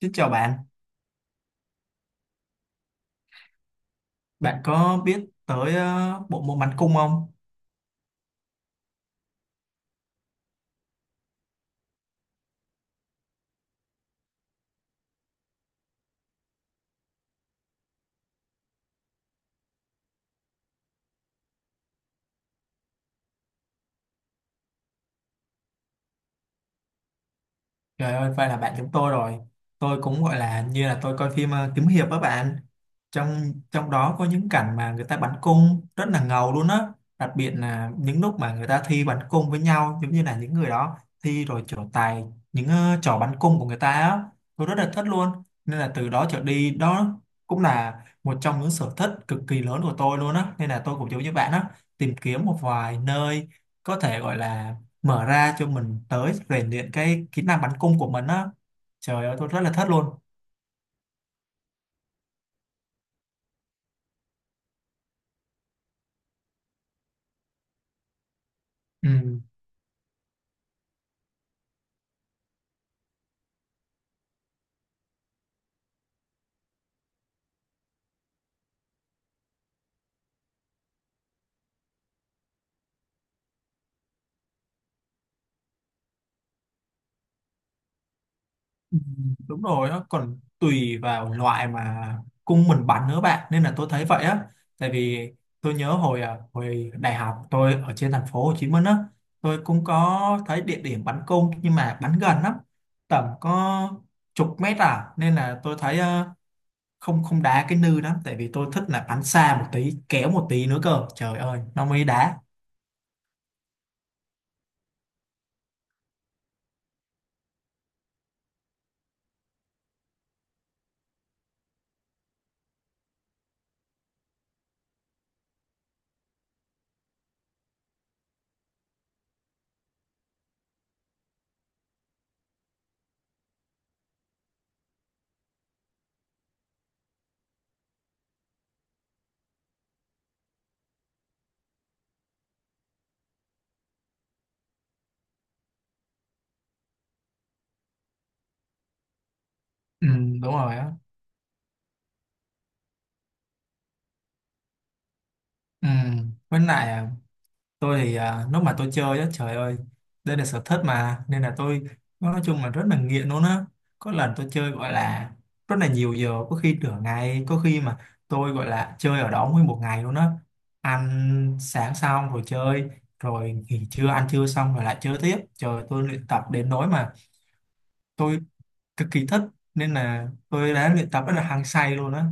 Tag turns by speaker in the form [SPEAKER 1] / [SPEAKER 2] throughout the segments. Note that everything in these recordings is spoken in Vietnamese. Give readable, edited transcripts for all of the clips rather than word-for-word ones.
[SPEAKER 1] Xin chào bạn, bạn có biết tới bộ môn bắn cung không? Trời ơi, vậy là bạn chúng tôi rồi. Tôi cũng gọi là như là tôi coi phim kiếm hiệp á bạn. Trong trong đó có những cảnh mà người ta bắn cung rất là ngầu luôn á. Đặc biệt là những lúc mà người ta thi bắn cung với nhau, giống như là những người đó thi rồi trổ tài những trò bắn cung của người ta á. Tôi rất là thích luôn. Nên là từ đó trở đi đó cũng là một trong những sở thích cực kỳ lớn của tôi luôn á. Nên là tôi cũng giống như bạn á, tìm kiếm một vài nơi có thể gọi là mở ra cho mình tới rèn luyện cái kỹ năng bắn cung của mình á. Trời ơi, tôi rất là thất luôn. Ừ. Ừ, đúng rồi á, còn tùy vào loại mà cung mình bắn nữa bạn, nên là tôi thấy vậy á. Tại vì tôi nhớ hồi hồi đại học tôi ở trên thành phố Hồ Chí Minh á, tôi cũng có thấy địa điểm bắn cung nhưng mà bắn gần lắm, tầm có chục mét à, nên là tôi thấy không không đá cái nư lắm, tại vì tôi thích là bắn xa một tí, kéo một tí nữa cơ, trời ơi nó mới đá. Ừ, đúng rồi á. Ừ. Với lại tôi thì lúc mà tôi chơi á, trời ơi, đây là sở thích mà nên là tôi nói chung là rất là nghiện luôn á. Có lần tôi chơi gọi là rất là nhiều giờ, có khi nửa ngày, có khi mà tôi gọi là chơi ở đó nguyên một ngày luôn á. Ăn sáng xong rồi chơi, rồi nghỉ trưa ăn trưa xong rồi lại chơi tiếp. Trời, tôi luyện tập đến nỗi mà tôi cực kỳ thích, nên là tôi đã luyện tập rất là hăng say luôn á.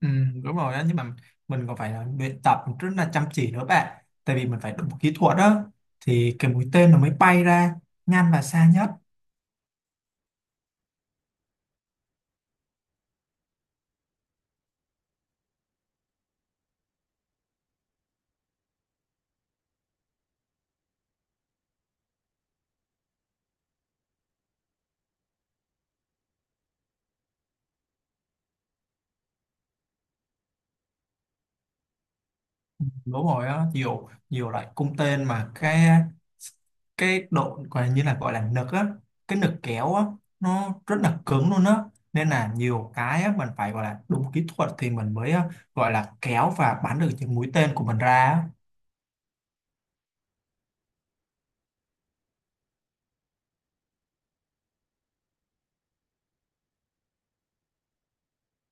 [SPEAKER 1] Ừ, đúng rồi á, nhưng mà mình còn phải là luyện tập rất là chăm chỉ nữa bạn, tại vì mình phải đụng kỹ thuật đó thì cái mũi tên nó mới bay ra nhanh và xa nhất. Đúng rồi á, nhiều nhiều loại cung tên mà cái độ gọi như là gọi là nực á, cái nực kéo á, nó rất là cứng luôn á, nên là nhiều cái á, mình phải gọi là đúng kỹ thuật thì mình mới á, gọi là kéo và bắn được những mũi tên của mình ra á.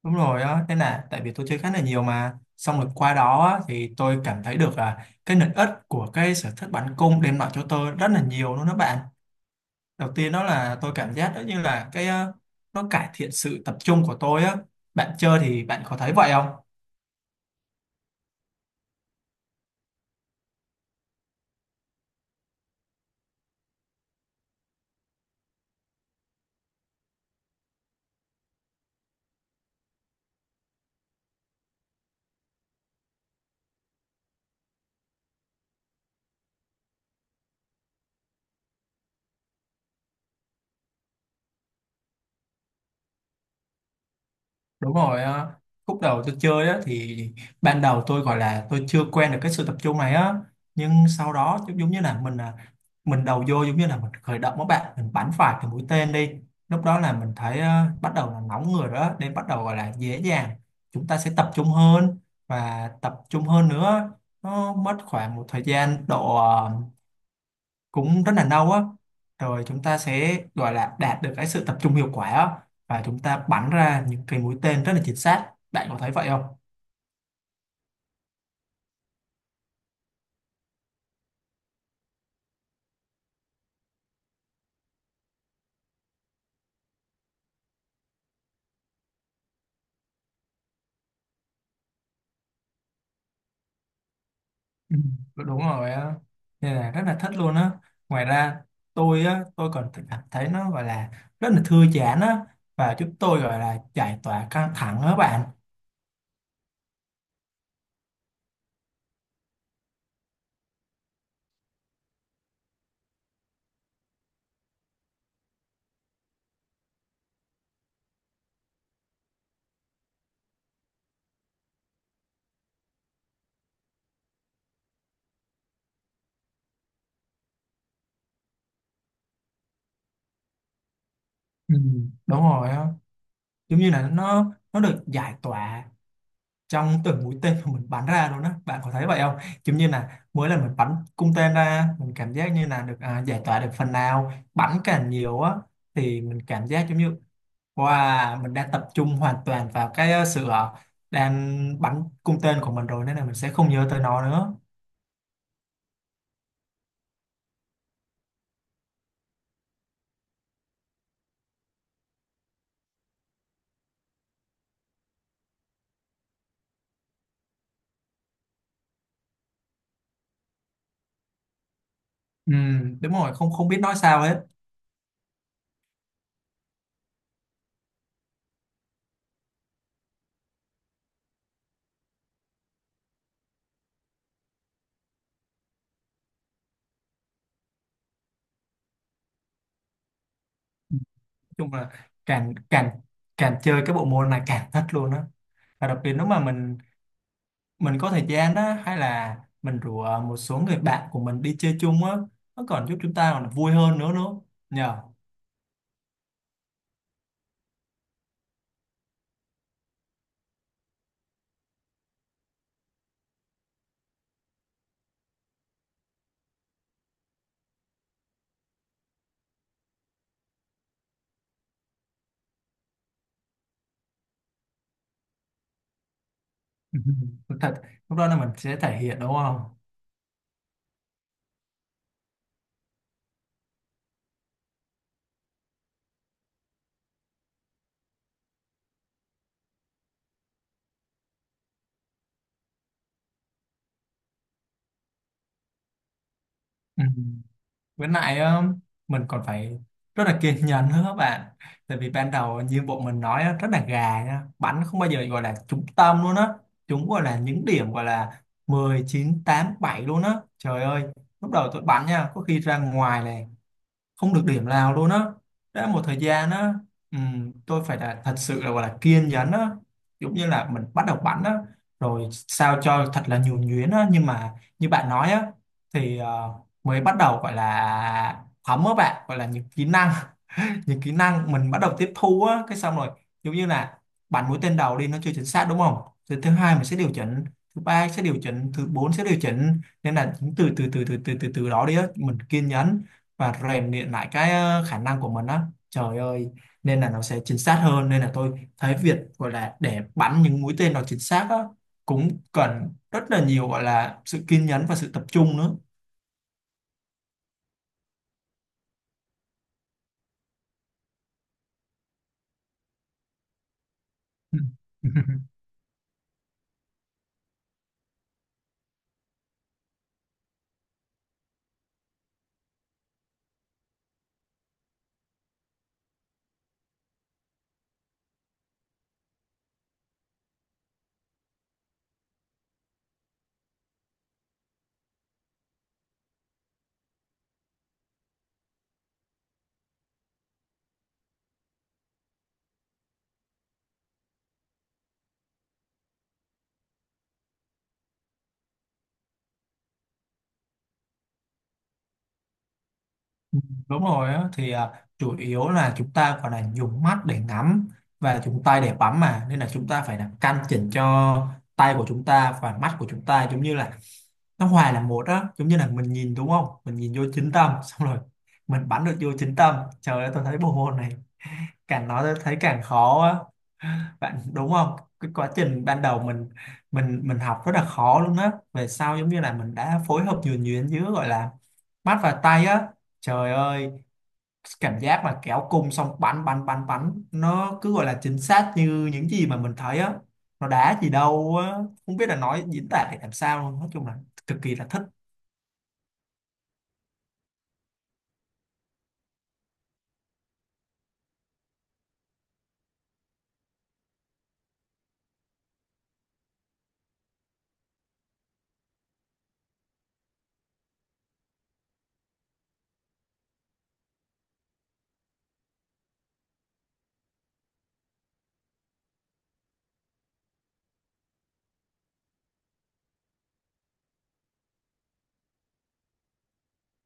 [SPEAKER 1] Đúng rồi á, thế là tại vì tôi chơi khá là nhiều mà xong rồi qua đó á, thì tôi cảm thấy được là cái lợi ích của cái sở thích bắn cung đem lại cho tôi rất là nhiều luôn đó bạn. Đầu tiên đó là tôi cảm giác đó như là nó cải thiện sự tập trung của tôi á. Bạn chơi thì bạn có thấy vậy không? Đúng rồi á. Khúc đầu tôi chơi á thì ban đầu tôi gọi là tôi chưa quen được cái sự tập trung này á, nhưng sau đó giống giống như là mình mình đầu vô giống như là mình khởi động các bạn, mình bắn phải cái mũi tên đi, lúc đó là mình thấy bắt đầu là nóng người rồi đó, nên bắt đầu gọi là dễ dàng, chúng ta sẽ tập trung hơn và tập trung hơn nữa. Nó mất khoảng một thời gian độ cũng rất là lâu á, rồi chúng ta sẽ gọi là đạt được cái sự tập trung hiệu quả á, và chúng ta bắn ra những cái mũi tên rất là chính xác. Bạn có thấy vậy không? Ừ, đúng rồi á, nên là rất là thích luôn á. Ngoài ra, tôi á, tôi còn cảm thấy nó gọi là rất là thư giãn á, và giúp tôi gọi là giải tỏa căng thẳng á bạn. Ừ, đúng rồi á, giống như là nó được giải tỏa trong từng mũi tên mà mình bắn ra luôn á. Bạn có thấy vậy không? Giống như là mỗi lần mình bắn cung tên ra, mình cảm giác như là được giải tỏa được phần nào, bắn càng nhiều á thì mình cảm giác giống như wow, mình đang tập trung hoàn toàn vào cái ờ, sự ờ, đang bắn cung tên của mình rồi, nên là mình sẽ không nhớ tới nó nữa. Ừ, đúng rồi, không không biết nói sao hết, nói chung là càng càng càng chơi cái bộ môn này càng thích luôn á. Và đặc biệt lúc mà mình có thời gian đó, hay là mình rủ một số người bạn của mình đi chơi chung á, nó còn giúp chúng ta còn vui hơn nữa nữa nhờ. Ừ, thật, lúc đó là mình sẽ thể hiện đúng không? Ừ. Với lại mình còn phải rất là kiên nhẫn nữa các bạn, tại vì ban đầu như bộ mình nói á, rất là gà nha, bắn không bao giờ gọi là trúng tâm luôn á, chúng gọi là những điểm gọi là 19 8 7 luôn á, trời ơi. Lúc đầu tôi bắn nha, có khi ra ngoài này, không được điểm nào luôn á, đã một thời gian á. Tôi phải là thật sự là gọi là kiên nhẫn á, giống như là mình bắt đầu bắn á rồi sao cho thật là nhuần nhuyễn á, nhưng mà như bạn nói á, thì mới bắt đầu gọi là thấm á bạn, gọi là những kỹ năng, những kỹ năng mình bắt đầu tiếp thu á, cái xong rồi giống như là bắn mũi tên đầu đi, nó chưa chính xác đúng không, rồi thứ hai mình sẽ điều chỉnh, thứ ba sẽ điều chỉnh, thứ bốn sẽ điều chỉnh, nên là những từ từ từ từ từ từ từ đó đi á, mình kiên nhẫn và rèn luyện lại khả năng của mình á, trời ơi, nên là nó sẽ chính xác hơn. Nên là tôi thấy việc gọi là để bắn những mũi tên nó chính xác á, cũng cần rất là nhiều gọi là sự kiên nhẫn và sự tập trung nữa. Ừ. Đúng rồi á, thì chủ yếu là chúng ta gọi là dùng mắt để ngắm và dùng tay để bấm mà, nên là chúng ta phải là căn chỉnh cho tay của chúng ta và mắt của chúng ta giống như là nó hòa là một á, giống như là mình nhìn đúng không, mình nhìn vô chính tâm xong rồi mình bắn được vô chính tâm, trời ơi tôi thấy bộ môn này càng nói tôi thấy càng khó á, bạn đúng không? Cái quá trình ban đầu mình học rất là khó luôn á, về sau giống như là mình đã phối hợp nhuần nhuyễn giữa gọi là mắt và tay á, trời ơi, cảm giác mà kéo cung xong bắn bắn bắn bắn, nó cứ gọi là chính xác như những gì mà mình thấy á, nó đá gì đâu á, không biết là nói diễn tả để làm sao luôn, nói chung là cực kỳ là thích.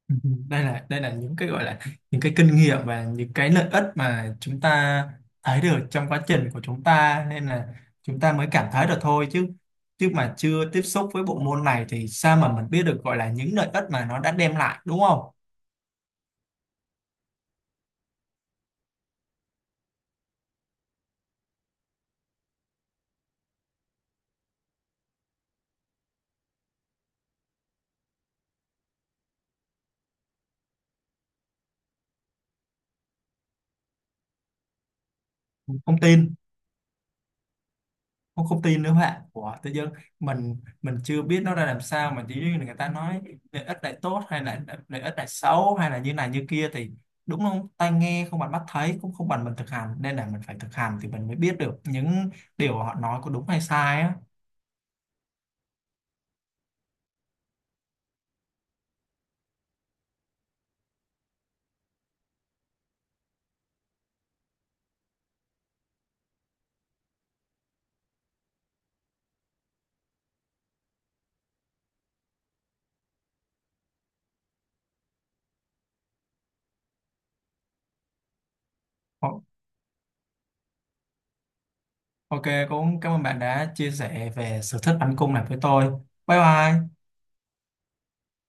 [SPEAKER 1] Ừ, đây là những cái gọi là những cái kinh nghiệm và những cái lợi ích mà chúng ta thấy được trong quá trình của chúng ta, nên là chúng ta mới cảm thấy được thôi, chứ chứ mà chưa tiếp xúc với bộ môn này thì sao mà mình biết được gọi là những lợi ích mà nó đã đem lại đúng không? Không tin, không, không tin nữa các bạn, của tự dưng mình chưa biết nó ra làm sao mà chỉ riêng người ta nói lợi ích này tốt hay là lợi ích này xấu hay là như này như kia thì, đúng không, tai nghe không bằng mắt thấy, cũng không bằng mình thực hành, nên là mình phải thực hành thì mình mới biết được những điều họ nói có đúng hay sai á. Ô- ok, cũng cảm ơn bạn đã chia sẻ về sở thích bắn cung này với tôi. Bye bye.